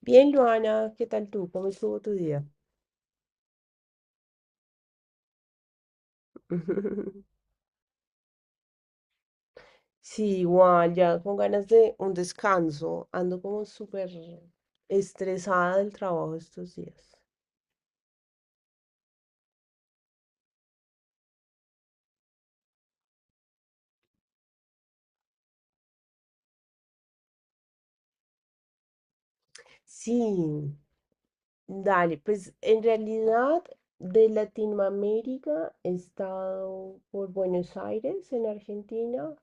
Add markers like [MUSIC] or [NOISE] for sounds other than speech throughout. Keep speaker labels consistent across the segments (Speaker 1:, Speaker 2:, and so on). Speaker 1: Bien, Joana, ¿qué tal tú? ¿Cómo estuvo tu día? [LAUGHS] Sí, igual, ya con ganas de un descanso. Ando como súper estresada del trabajo estos días. Sí, dale, pues en realidad de Latinoamérica he estado por Buenos Aires, en Argentina.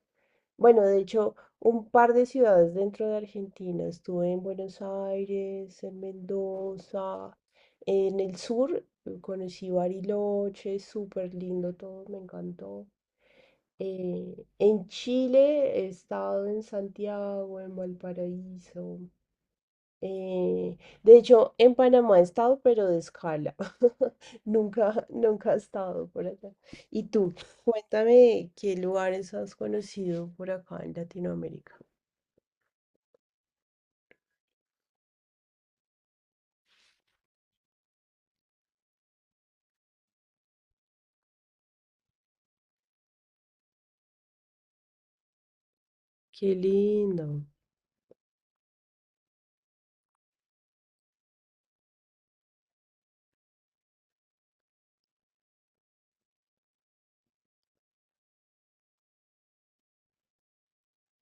Speaker 1: Bueno, de hecho, un par de ciudades dentro de Argentina. Estuve en Buenos Aires, en Mendoza. En el sur conocí Bariloche, súper lindo todo, me encantó. En Chile he estado en Santiago, en Valparaíso. eh, de hecho, en Panamá he estado, pero de escala. [LAUGHS] Nunca, nunca he estado por acá. Y tú, cuéntame qué lugares has conocido por acá en Latinoamérica. Qué lindo.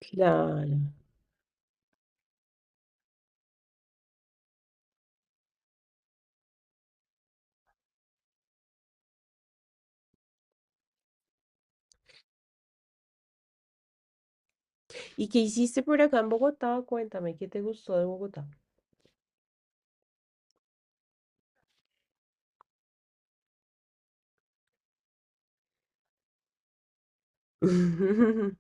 Speaker 1: Claro. ¿Y qué hiciste por acá en Bogotá? Cuéntame, ¿qué te gustó de Bogotá? [LAUGHS]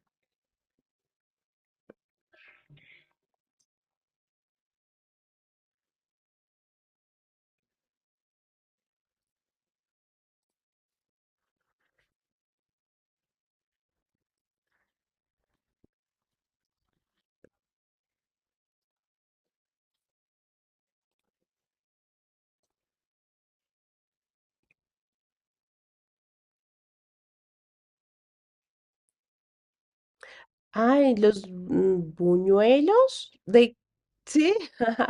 Speaker 1: Ay, los buñuelos de... Sí. [LAUGHS]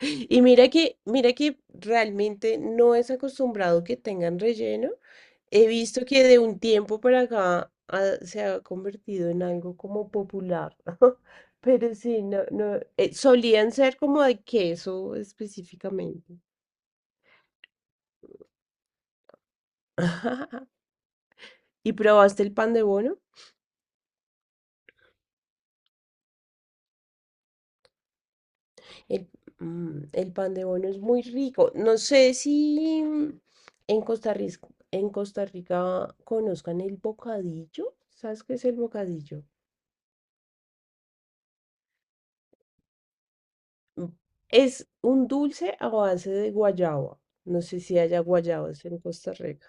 Speaker 1: Y mira que realmente no es acostumbrado que tengan relleno. He visto que de un tiempo para acá se ha convertido en algo como popular. [LAUGHS] Pero sí, no, no, solían ser como de queso específicamente. [LAUGHS] ¿Y probaste el pan de bono? El, el pan de bono es muy rico. No sé si en Costa Rica conozcan el bocadillo. ¿Sabes qué es el bocadillo? Mm, Es un dulce a base de guayaba. No sé si haya guayabas en Costa Rica.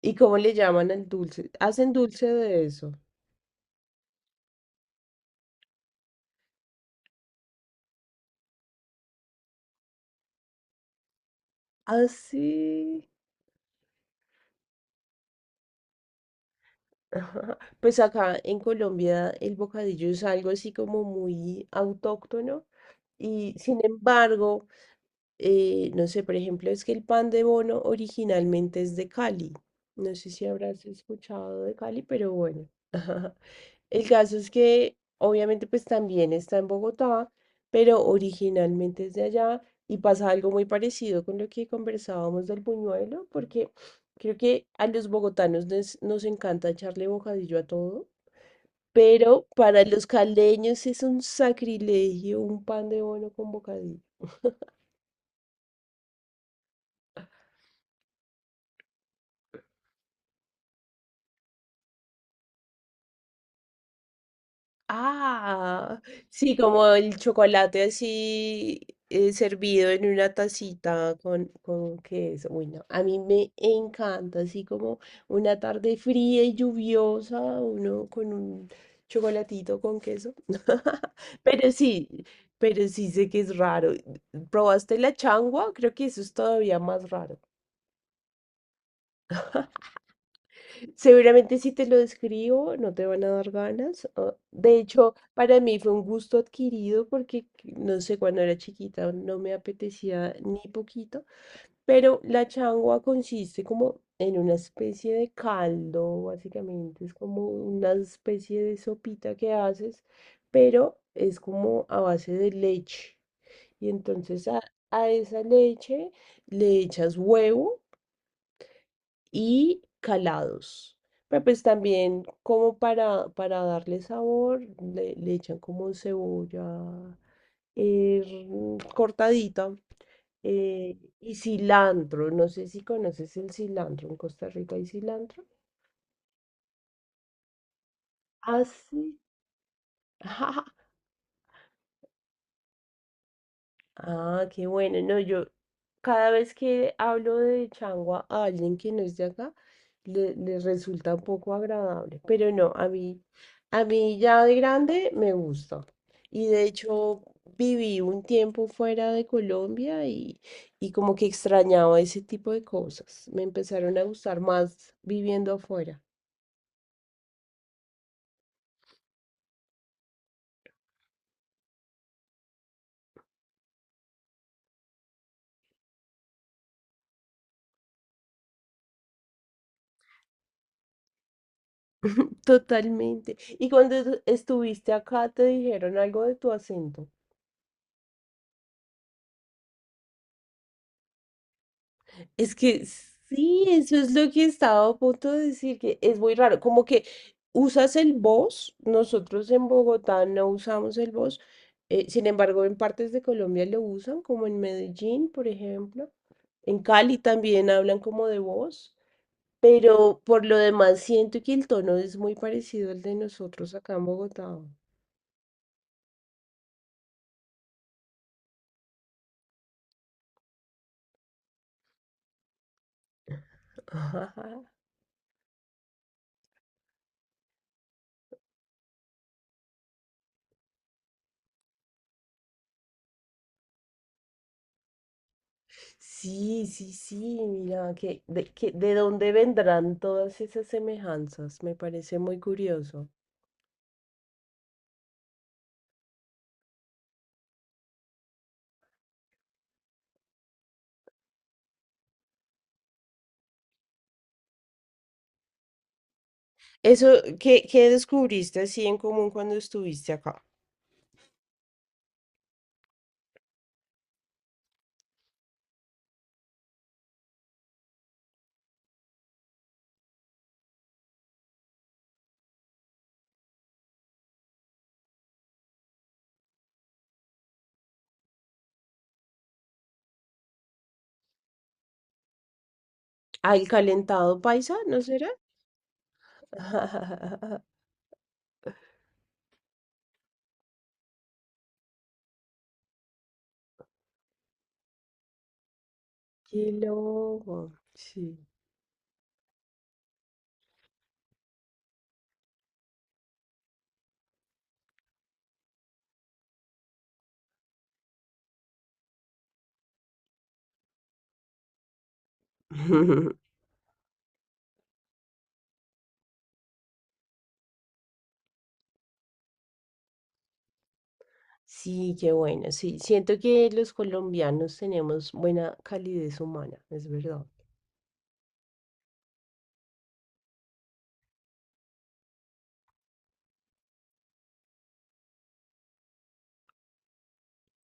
Speaker 1: ¿Y cómo le llaman al dulce? Hacen dulce de eso. Así. Ajá. Pues acá en Colombia el bocadillo es algo así como muy autóctono. Y sin embargo, no sé, por ejemplo, es que el pan de bono originalmente es de Cali. No sé si habrás escuchado de Cali, pero bueno. [LAUGHS] El caso es que obviamente pues también está en Bogotá, pero originalmente es de allá y pasa algo muy parecido con lo que conversábamos del buñuelo, porque creo que a los bogotanos nos encanta echarle bocadillo a todo. Pero para los caleños es un sacrilegio un pan de bono con bocadillo. Ah, sí, como el chocolate así servido en una tacita con queso. Uy, no, a mí me encanta, así como una tarde fría y lluviosa, uno con un chocolatito con queso. [LAUGHS] Pero sí, pero sí sé que es raro. ¿Probaste la changua? Creo que eso es todavía más raro. Seguramente si te lo describo no te van a dar ganas. De hecho, para mí fue un gusto adquirido porque, no sé, cuando era chiquita no me apetecía ni poquito. Pero la changua consiste como en una especie de caldo, básicamente. Es como una especie de sopita que haces, pero es como a base de leche. Y a esa leche le echas huevo y calados. Pero pues también como para darle sabor, le echan como cebolla eh, cortadita y cilantro. No sé si conoces el cilantro. En Costa Rica hay cilantro. Ah, sí. [LAUGHS] Ah, qué bueno. No, yo cada vez que hablo de changua a alguien que no es de acá, le resulta un poco agradable. Pero no, a mí ya de grande me gusta. Y de hecho viví un tiempo fuera de Colombia y como que extrañaba ese tipo de cosas. Me empezaron a gustar más viviendo afuera. [LAUGHS] Totalmente. Y cuando tú estuviste acá, ¿te dijeron algo de tu acento? Es que sí, eso es lo que estaba a punto de decir, que es muy raro, como que usas el voz, nosotros en Bogotá no usamos el voz, sin embargo en partes de Colombia lo usan, como en Medellín, por ejemplo, en Cali también hablan como de voz, pero por lo demás siento que el tono es muy parecido al de nosotros acá en Bogotá. [LAUGHS] Sí, sí, sí, mira, de dónde vendrán todas esas semejanzas, me parece muy curioso. Eso, ¿qué descubriste así en común cuando estuviste acá? Ah, el calentado paisa, ¿no será? [LAUGHS] Qué loco, sí. [LAUGHS] Sí, qué bueno, sí. Siento que los colombianos tenemos buena calidez humana, es verdad.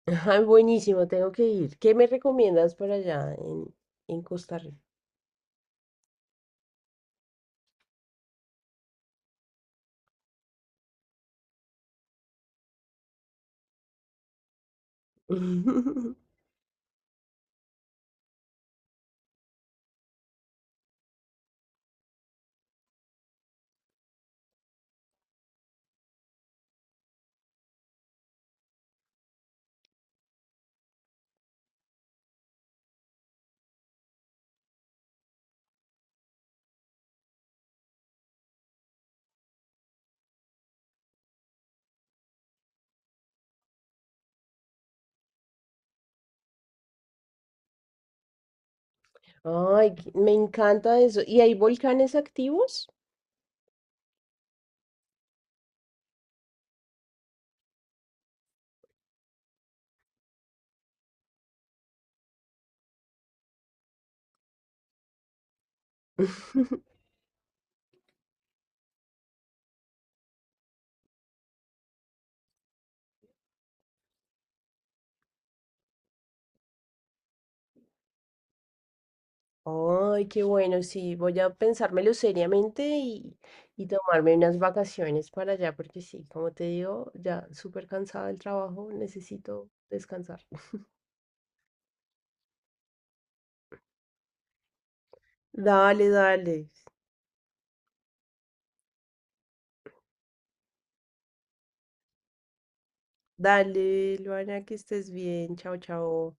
Speaker 1: Ajá, buenísimo, tengo que ir. ¿Qué me recomiendas para en Costa Rica? [LAUGHS] Ay, me encanta eso. ¿Y hay volcanes activos? [LAUGHS] Ay, qué bueno, sí, voy a pensármelo y tomarme unas vacaciones para allá, porque sí, como te digo, ya súper cansada del trabajo, necesito descansar. [LAUGHS] Dale, dale, dale, Luana, que estés bien, chao, chao.